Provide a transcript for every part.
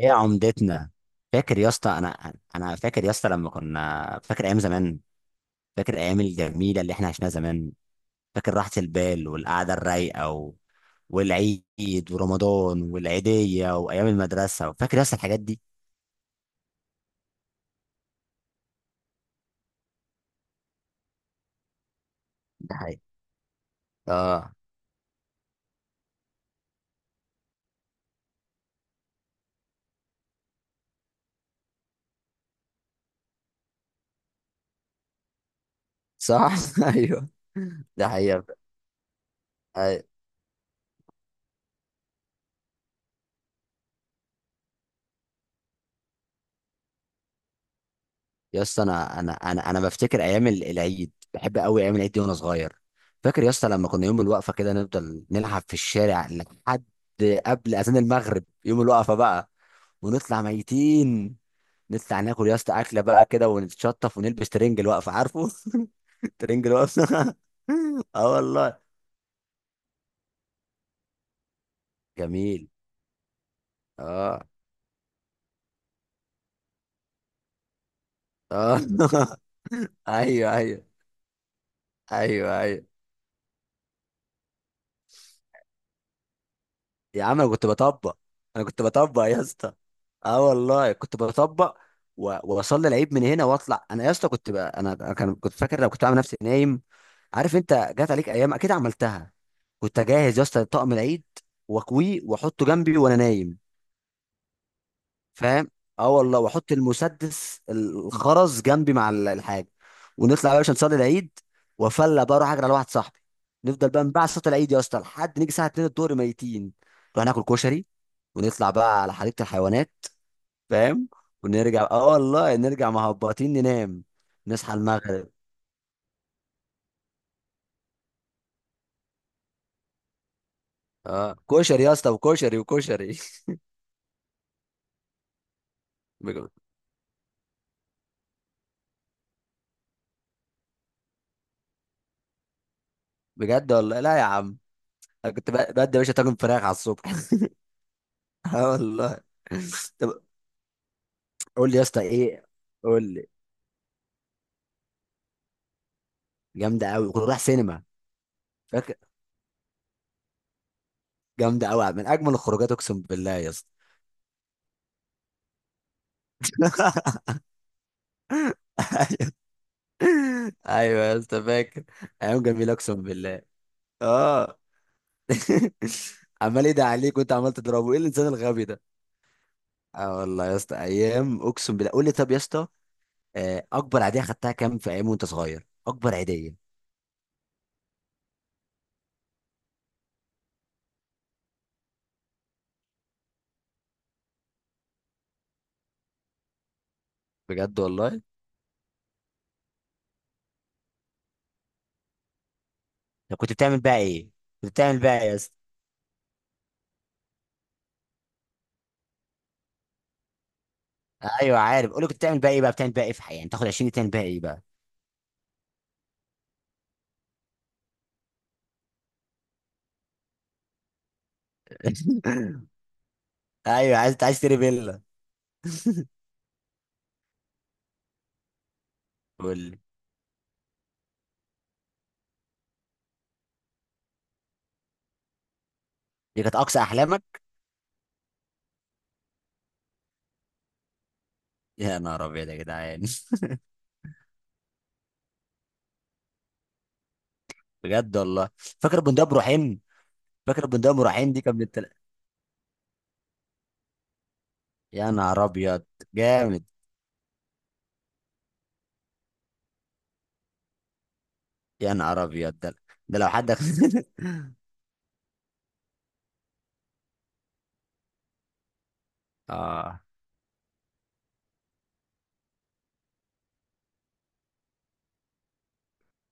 ايه عمدتنا؟ فاكر يا اسطى انا فاكر يا اسطى لما كنا فاكر ايام زمان. فاكر الايام الجميله اللي احنا عشناها زمان. فاكر راحه البال والقعده الرايقه والعيد ورمضان والعيديه وايام المدرسه، فاكر يا اسطى الحاجات دي؟ ده حقيقي. اه صح. ايوه. ده حقيقة. يا اسطى انا بفتكر ايام العيد، بحب قوي ايام العيد دي وانا صغير. فاكر يا اسطى لما كنا يوم الوقفه كده نفضل نلعب في الشارع لحد قبل اذان المغرب يوم الوقفه بقى. ونطلع ميتين، نطلع ناكل يا اسطى اكله بقى كده، ونتشطف ونلبس ترنج الوقفه، عارفه؟ ترنج الوقفه. اه والله. جميل. اه. اه. ايوه ايوه. ايوه ايوه. يا عم انا كنت بطبق. انا كنت بطبق يا اسطى. اه والله كنت بطبق. واصلي العيد من هنا واطلع، انا يا اسطى كنت بقى انا أنا كان كنت فاكر لو كنت عامل نفسي نايم، عارف؟ انت جات عليك ايام اكيد عملتها. كنت اجهز يا اسطى طقم العيد، واكويه واحطه جنبي وانا نايم، فاهم؟ اه والله، واحط المسدس الخرز جنبي مع الحاجه. ونطلع بقى عشان نصلي العيد، وافلى بقى اروح اجري على واحد صاحبي. نفضل بقى نبع صوت العيد يا اسطى لحد نيجي الساعه 2 الظهر ميتين، نروح ناكل كشري ونطلع بقى على حديقة الحيوانات، فاهم؟ ونرجع، اه والله نرجع مهبطين ننام. نصحى المغرب. اه كشري يا اسطى، وكشري وكشري. بج- بجد والله لا يا عم، انا كنت بدي يا باشا طاجن فراخ على الصبح. اه والله. طب قول لي يا اسطى ايه، قول لي. جامده قوي، كنت رايح سينما؟ فاكر؟ جامده قوي، من اجمل الخروجات اقسم بالله يا اسطى. ايوه يا اسطى فاكر. ايام جميله اقسم بالله. اه. عمال ايه ده عليك وانت عمال تضربه، ايه الانسان الغبي ده؟ اه والله يا اسطى ايام اقسم بالله. قول لي، طب يا اسطى، اكبر عيديه خدتها كام في ايام وانت صغير، اكبر عيديه؟ بجد والله؟ طب كنت بتعمل بقى ايه؟ كنت بتعمل بقى ايه يا اسطى؟ ايوه عارف. قول لي كنت بتعمل بقى ايه بقى، بتعمل بقى ايه في حياتك يعني، تاخد 20 تعمل بقى ايه بقى؟ ايوه، عايز عايز تشتري فيلا. قول لي، دي كانت اقصى احلامك؟ يا نهار ابيض يا جدعان. بجد والله؟ فاكر بندقية ابو رحيم؟ فاكر بندقية ابو رحيم دي كانت من يا نهار ابيض. جامد. يا نهار ابيض ده. ده لو حد. اه.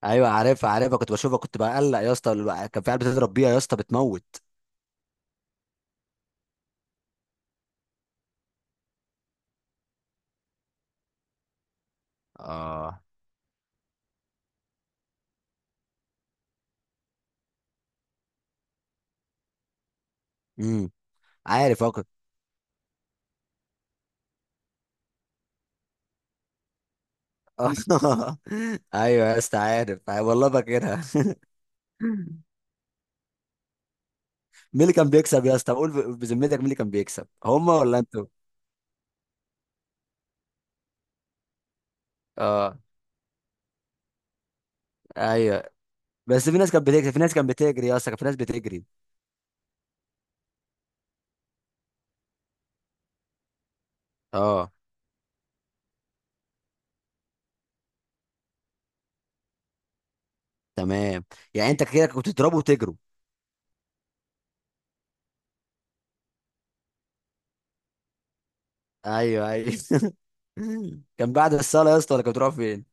ايوه عارفها عارفها، كنت بشوفها، كنت بقلق يا اسطى كان في عيال بتضرب بيها يا اسطى بتموت. اه. امم. عارف اه كنت. ايوه يا اسطى عارف، أيوة والله فاكرها. مين اللي كان بيكسب يا اسطى؟ قول بذمتك، مين اللي كان بيكسب، هما ولا انتوا؟ اه. ايوه. بس في ناس كانت بتكسب، في ناس كانت بتجري يا اسطى، كان في ناس بتجري. اه. تمام. يعني انت كده كنت تضربوا وتجروا. ايوه ايوه. كان بعد الصاله يا اسطى ولا كنت بتروح فين؟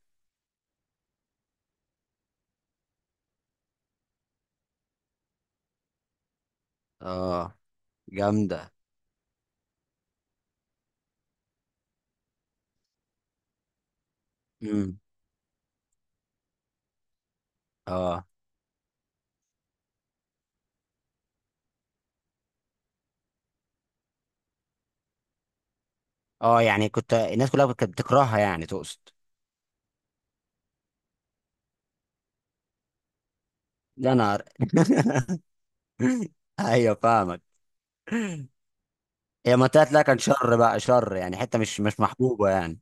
اه. جامدة. امم. اه اه، يعني كنت الناس كلها كانت بتكرهها يعني تقصد؟ يا نهار. ايوه فاهمك. هي منطقة لا، كان شر بقى شر، يعني حتة مش مش محبوبة يعني.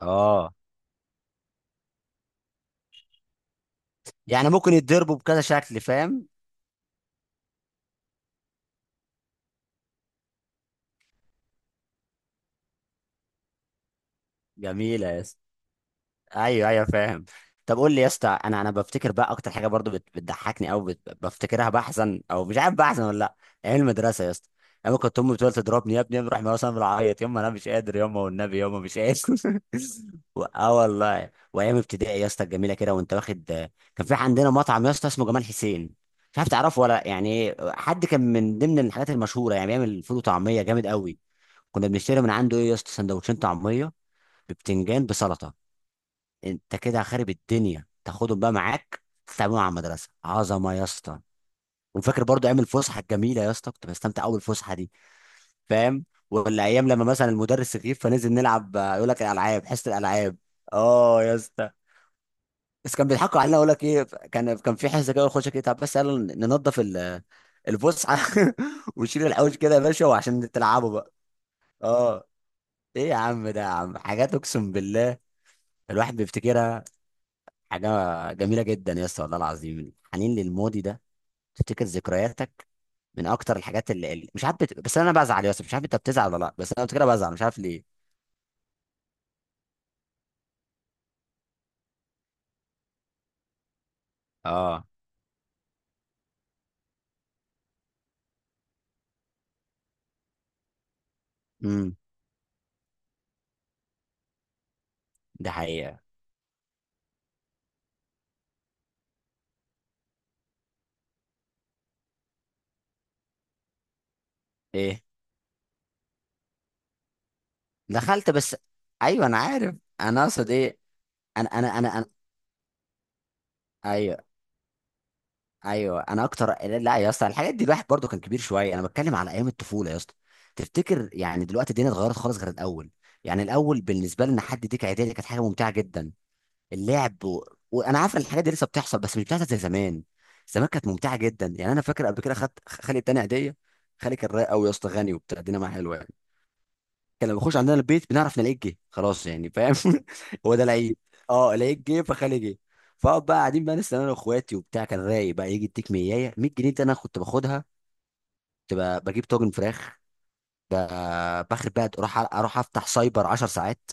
اه. يعني ممكن يتضربوا بكذا شكل، فاهم. جميلة يا اسطى. ايوه ايوه فاهم. طب قول لي يا اسطى، انا بفتكر بقى اكتر حاجه برضو بتضحكني او بفتكرها بحزن او مش عارف بحزن ولا لا، ايام المدرسه يا اسطى. ايام كنت امي بتقول تضربني، يا ابني يا ابني روح، مثلا بالعيط، يما انا مش قادر، يما والنبي يما مش قادر. اه والله. وايام ابتدائي يا اسطى الجميله كده، وانت واخد. كان في عندنا مطعم يا اسطى اسمه جمال حسين، مش عارف تعرفه ولا، يعني حد كان من ضمن الحاجات المشهوره، يعني بيعمل فول وطعميه جامد قوي. كنا بنشتري من عنده ايه يا اسطى، سندوتشين طعميه ببتنجان بسلطه. انت كده خارب الدنيا، تاخدهم بقى معاك تتعاملوا مع المدرسه، عظمه يا اسطى. وفاكر برضو ايام الفسحه الجميله يا اسطى، كنت بستمتع قوي بالفسحه دي، فاهم؟ ولا ايام لما مثلا المدرس يغيب فننزل نلعب، يقول لك الالعاب، حصه الالعاب. اه يا اسطى. بس كان بيضحكوا علينا، يقول لك ايه، كان في حصه كده، يخش كده طب، بس قالوا ننظف الفسحه. ونشيل الحوش كده يا باشا، وعشان تلعبوا بقى. اه. ايه يا عم ده يا عم، حاجات اقسم بالله الواحد بيفتكرها. حاجة جميلة جدا يا اسطى والله العظيم، الحنين للماضي ده، تفتكر ذكرياتك من أكتر الحاجات مش عارف بس أنا بزعل يا اسطى، مش عارف أنت بتزعل ولا لأ، بس أنا كده بزعل مش عارف ليه. اه. امم. ده حقيقة. إيه. دخلت بس. أيوه أنا عارف. أنا أقصد إيه. أنا. أيوه. أيوه أنا أكتر. لا يا اسطى الحاجات دي الواحد برضو كان كبير شوية، أنا بتكلم على أيام الطفولة يا اسطى. تفتكر يعني دلوقتي الدنيا اتغيرت خالص غير الأول؟ يعني الأول بالنسبة لنا حد يديك عيدية دي كانت حاجة ممتعة جدا. اللعب وانا عارف ان الحاجات دي لسه بتحصل، بس مش بتحصل زي زمان. زمان كانت ممتعه جدا. يعني انا فاكر قبل كده، خدت، خالي اداني هديه. خالي كان رايق قوي يا اسطى، غني وبتاع، الدنيا معاه حلوه يعني. كان لما بيخش عندنا البيت بنعرف نلاقيه جه، خلاص يعني، فاهم. هو ده العيد. اه لقيت جه، فخالي جه. فاقعد بقى قاعدين بقى لسه انا واخواتي وبتاع، كان رايق بقى، يجي يديك 100، 100 جنيه دي انا كنت باخدها. كنت بجيب طاجن فراخ، باخد بقى اروح، اروح افتح سايبر 10 ساعات،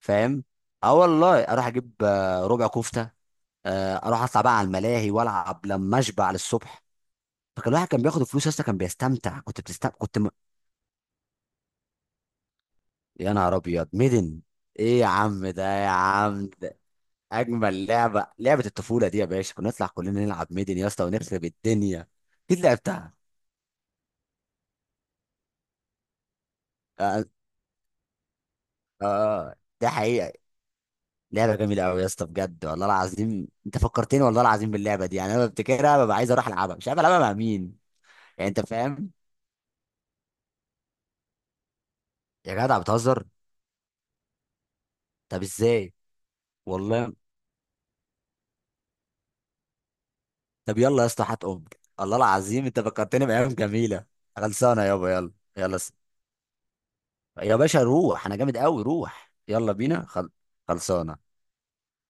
فاهم. اه والله، اروح اجيب ربع كفته، اروح اطلع بقى على الملاهي والعب لما اشبع للصبح. فكان الواحد كان بياخد الفلوس اصلا كان بيستمتع، كنت بتستمتع، يا نهار ابيض، ميدن. ايه يا عم ده يا عم ده، اجمل لعبه، لعبه الطفوله دي يا باشا، كنا نطلع كلنا نلعب ميدن يا اسطى ونخرب الدنيا. اكيد لعبتها. اه. ده حقيقه. لعبه جميله قوي يا اسطى، بجد والله العظيم انت فكرتني، والله العظيم باللعبه دي، يعني انا بفتكرها، ببقى عايز اروح العبها، مش عارف العبها مع مين، يعني انت فاهم. يا جدع بتهزر. طب ازاي؟ والله. طب يلا يا اسطى هات ام. الله العظيم انت فكرتني بايام جميله. خلصانه يابا، يلا يلا، يا باشا روح، انا جامد قوي، روح يلا بينا خلصانه.